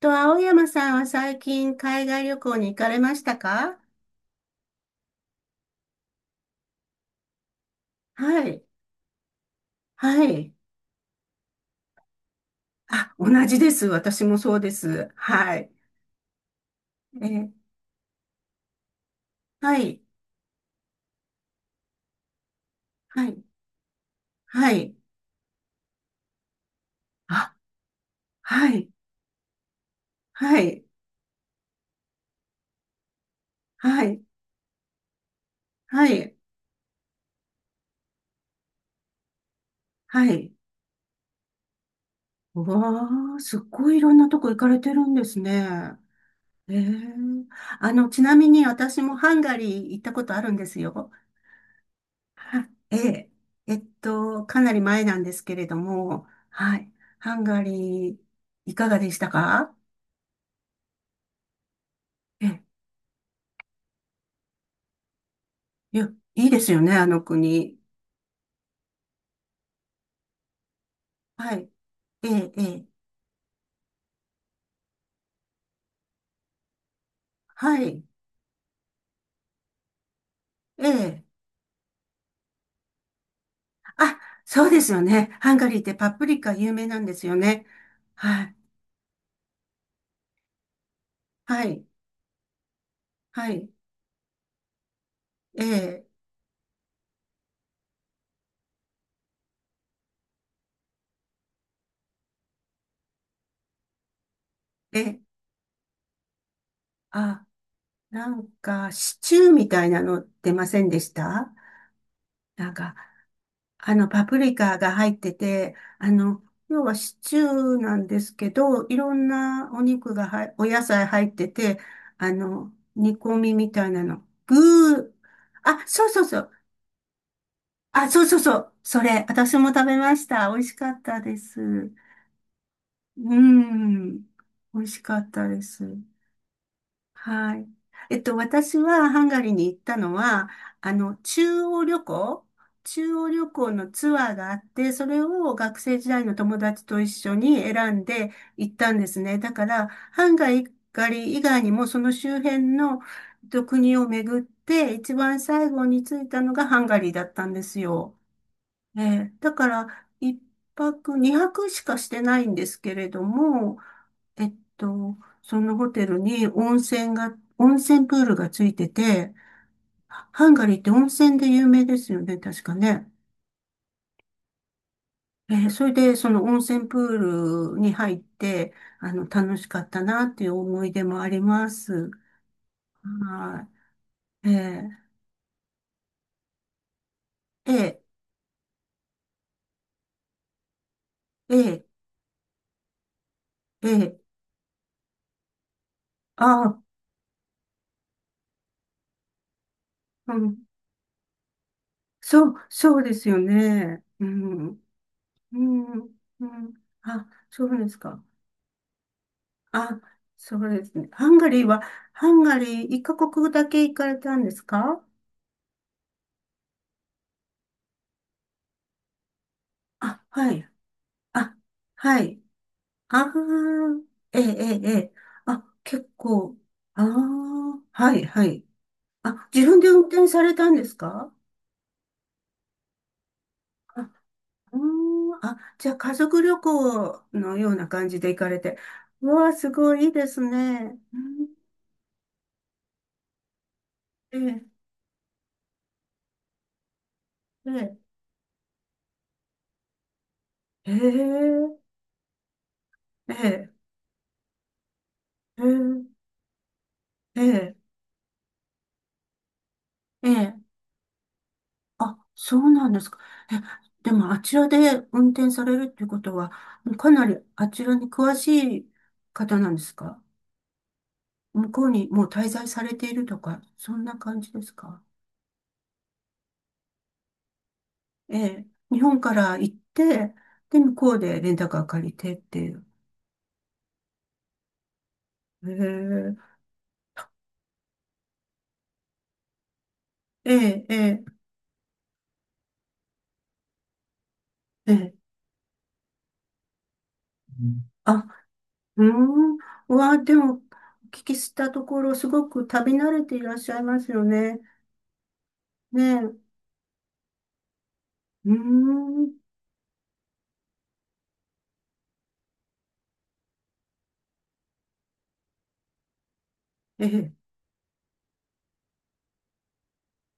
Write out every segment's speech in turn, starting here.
と、青山さんは最近海外旅行に行かれましたか？はい。はい。あ、同じです。私もそうです。はい。えーはい。はい。はい。あ、はい。はい。はい。はい。はい。うわー、すっごいいろんなとこ行かれてるんですね。えー、あの、ちなみに私もハンガリー行ったことあるんですよ。はええ、かなり前なんですけれども、はい。ハンガリー、いかがでしたか？ええ、いや、いいですよね、あの国。はい。ええ、ええ、はい。ええ、あ、そうですよね。ハンガリーってパプリカ有名なんですよね。はい。はい。はい。ええ、ええ、あ、なんか、シチューみたいなの出ませんでした？なんか、あの、パプリカが入ってて、あの、要はシチューなんですけど、いろんなお肉がはい、お野菜入ってて、あの、煮込みみたいなの。具ー、あ、そうそうそう。あ、そうそうそう。それ、私も食べました。美味しかったです。うん。美味しかったです。はい。私はハンガリーに行ったのは、あの、中央旅行のツアーがあって、それを学生時代の友達と一緒に選んで行ったんですね。だから、ハンガリー以外にもその周辺の国を巡って、一番最後に着いたのがハンガリーだったんですよ。ええ、だから、一泊、二泊しかしてないんですけれども、そのホテルに温泉が、温泉プールがついてて、ハンガリーって温泉で有名ですよね、確かね。それで、その温泉プールに入って、あの、楽しかったなっていう思い出もあります。はい。ー、えー、えー、えー、ああ、うん、そう、そうですよね。うん、うん、うん、あ、そうですか。あ、そうですね。ハンガリーは、ハンガリー一カ国だけ行かれたんですか？あ、はい。あ、はい。ああ、ええ、ええ、ええ、あ、結構。ああ、はい、はい。あ、自分で運転されたんですか？あ、うーん、あ、じゃあ家族旅行のような感じで行かれて。うわあ、すごいいいですね。うん、ええ、ええ、ええ、ええ、ええ、ええ。ええ、あ、そうなんですか。え、でもあちらで運転されるっていうことは、かなりあちらに詳しい方なんですか？向こうにもう滞在されているとか、そんな感じですか？ええ、日本から行って、で、向こうでレンタカー借りてっていう。ええ、ええ、ええ、ええ、うん、あ、うーん。うわ、でも、お聞きしたところ、すごく旅慣れていらっしゃいますよね。ねえ、うーん。ええ、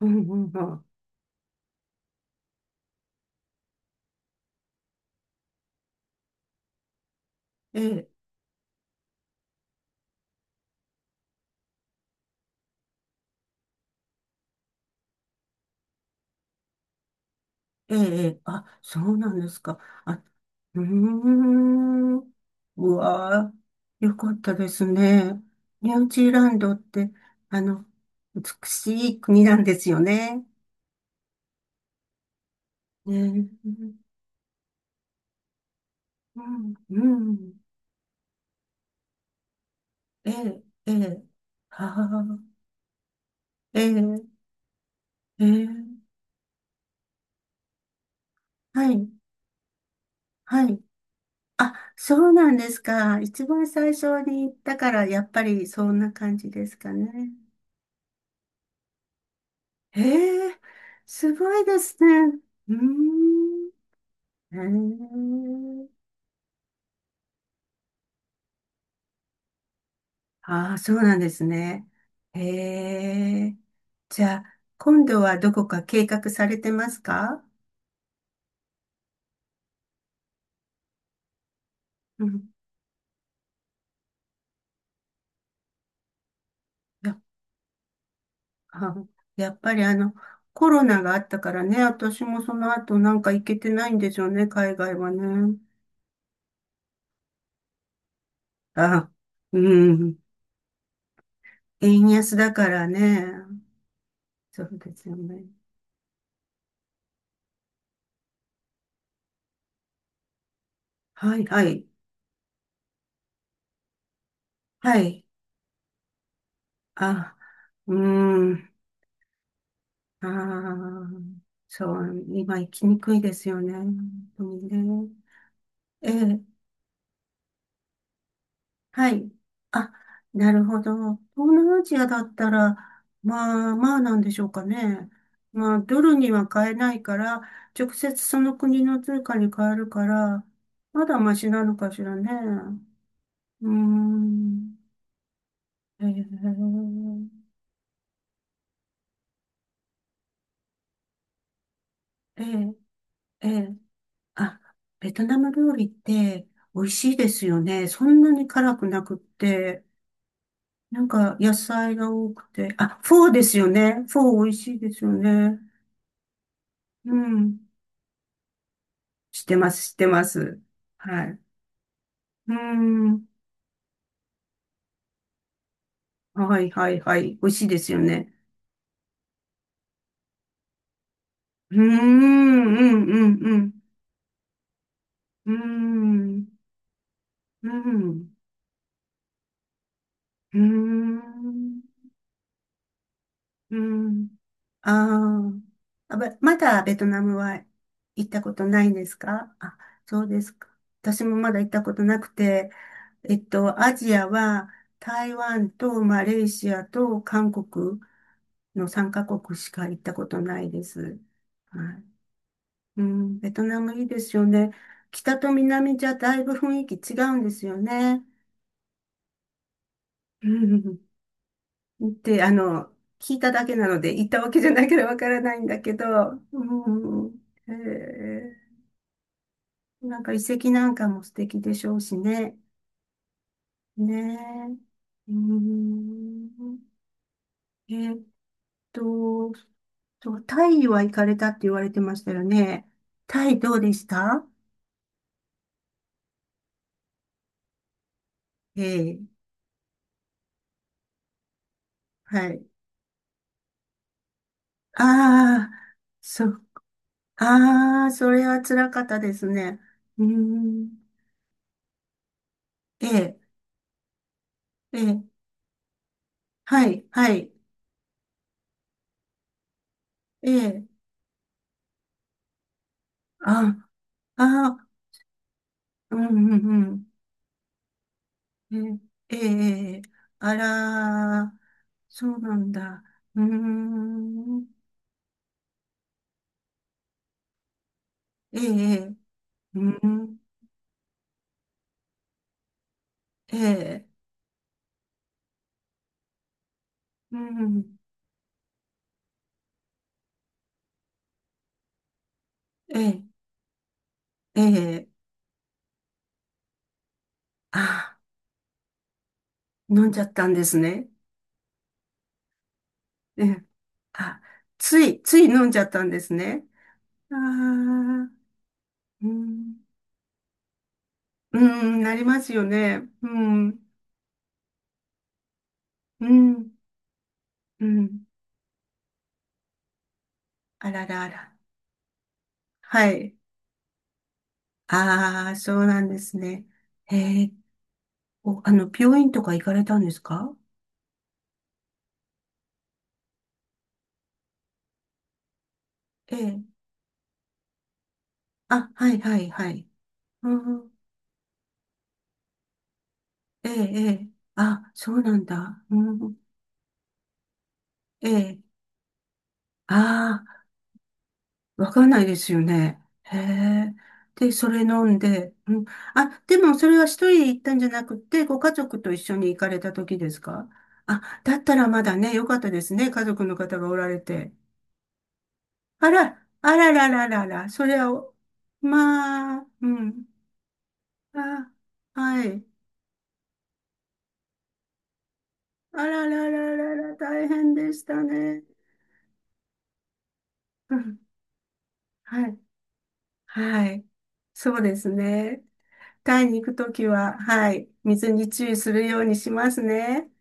うん、うん、うん。ええ、ええ、ええ、あ、そうなんですか。あ、うーん、うわー、よかったですね。ニュージーランドって、あの、美しい国なんですよね。ねえ、うん、うん、ええ、ええ、はあ、ええ、ええ、はい、はい。あ、そうなんですか。一番最初に行ったから、やっぱりそんな感じですかね。へえ、すごいですね。うーん。へえ。ああ、そうなんですね。へえ。じゃあ、今度はどこか計画されてますか？うん。や、あ、やっぱりあの、コロナがあったからね、私もその後なんか行けてないんでしょうね、海外はね。あ、うん。円安だからね。そうですよね。はい、はい、はい。あ、うん。ああ、そう、今行きにくいですよね。本当にね。ええ、はい。あ、なるほど。東南アジアだったら、まあまあなんでしょうかね。まあ、ドルには買えないから、直接その国の通貨に変えるから、まだマシなのかしらね。うーん。ええ、ええ、ええ。あ、ベトナム料理って美味しいですよね。そんなに辛くなくって。なんか野菜が多くて。あ、フォーですよね。フォー美味しいですよね。うん。知ってます、知ってます。はい。うん。はい、はい、はい。美味しいですよね。うーん、うん、うん、うん。うーん、うん、うーん。うん。あーあ、まだベトナムは行ったことないんですか？あ、そうですか。私もまだ行ったことなくて、アジアは台湾とマレーシアと韓国の3カ国しか行ったことないです。はい。うん、ベトナムいいですよね。北と南じゃだいぶ雰囲気違うんですよね。うん。って、あの、聞いただけなので、行ったわけじゃないからわからないんだけど、うん、へえ、なんか遺跡なんかも素敵でしょうしね。ねえ。うん、えっと、そう、タイは行かれたって言われてましたよね。タイどうでした？ええ、はい。ああ、そう、ああ、それは辛かったですね。うーん、ええ、ええ、はい、はい、ええ、あ、ああ、うんうんうん。ねえ、ええ、あら、そうなんだ。うーん、ええ、うん、ええ、うん、ええ、ええ、あ、飲んじゃったんですね。ええ、あ、つい、つい飲んじゃったんですね。ああ、うん、うん、なりますよね。うん、うん、うん。あららあら。はい。ああ、そうなんですね。ええ、お、あの、病院とか行かれたんですか？ええ。あ、はい、はい、はい。うん、ええ、ええ。あ、そうなんだ。うん、ええ。ああ、わかんないですよね。へえ。で、それ飲んで、うん。あ、でもそれは一人で行ったんじゃなくて、ご家族と一緒に行かれた時ですか？あ、だったらまだね、よかったですね。家族の方がおられて。あら、あららららら、それはお、まあ、うん。あ、はい。あららららら、大変でしたね。うん。はい。はい。そうですね。タイに行くときは、はい。水に注意するようにしますね。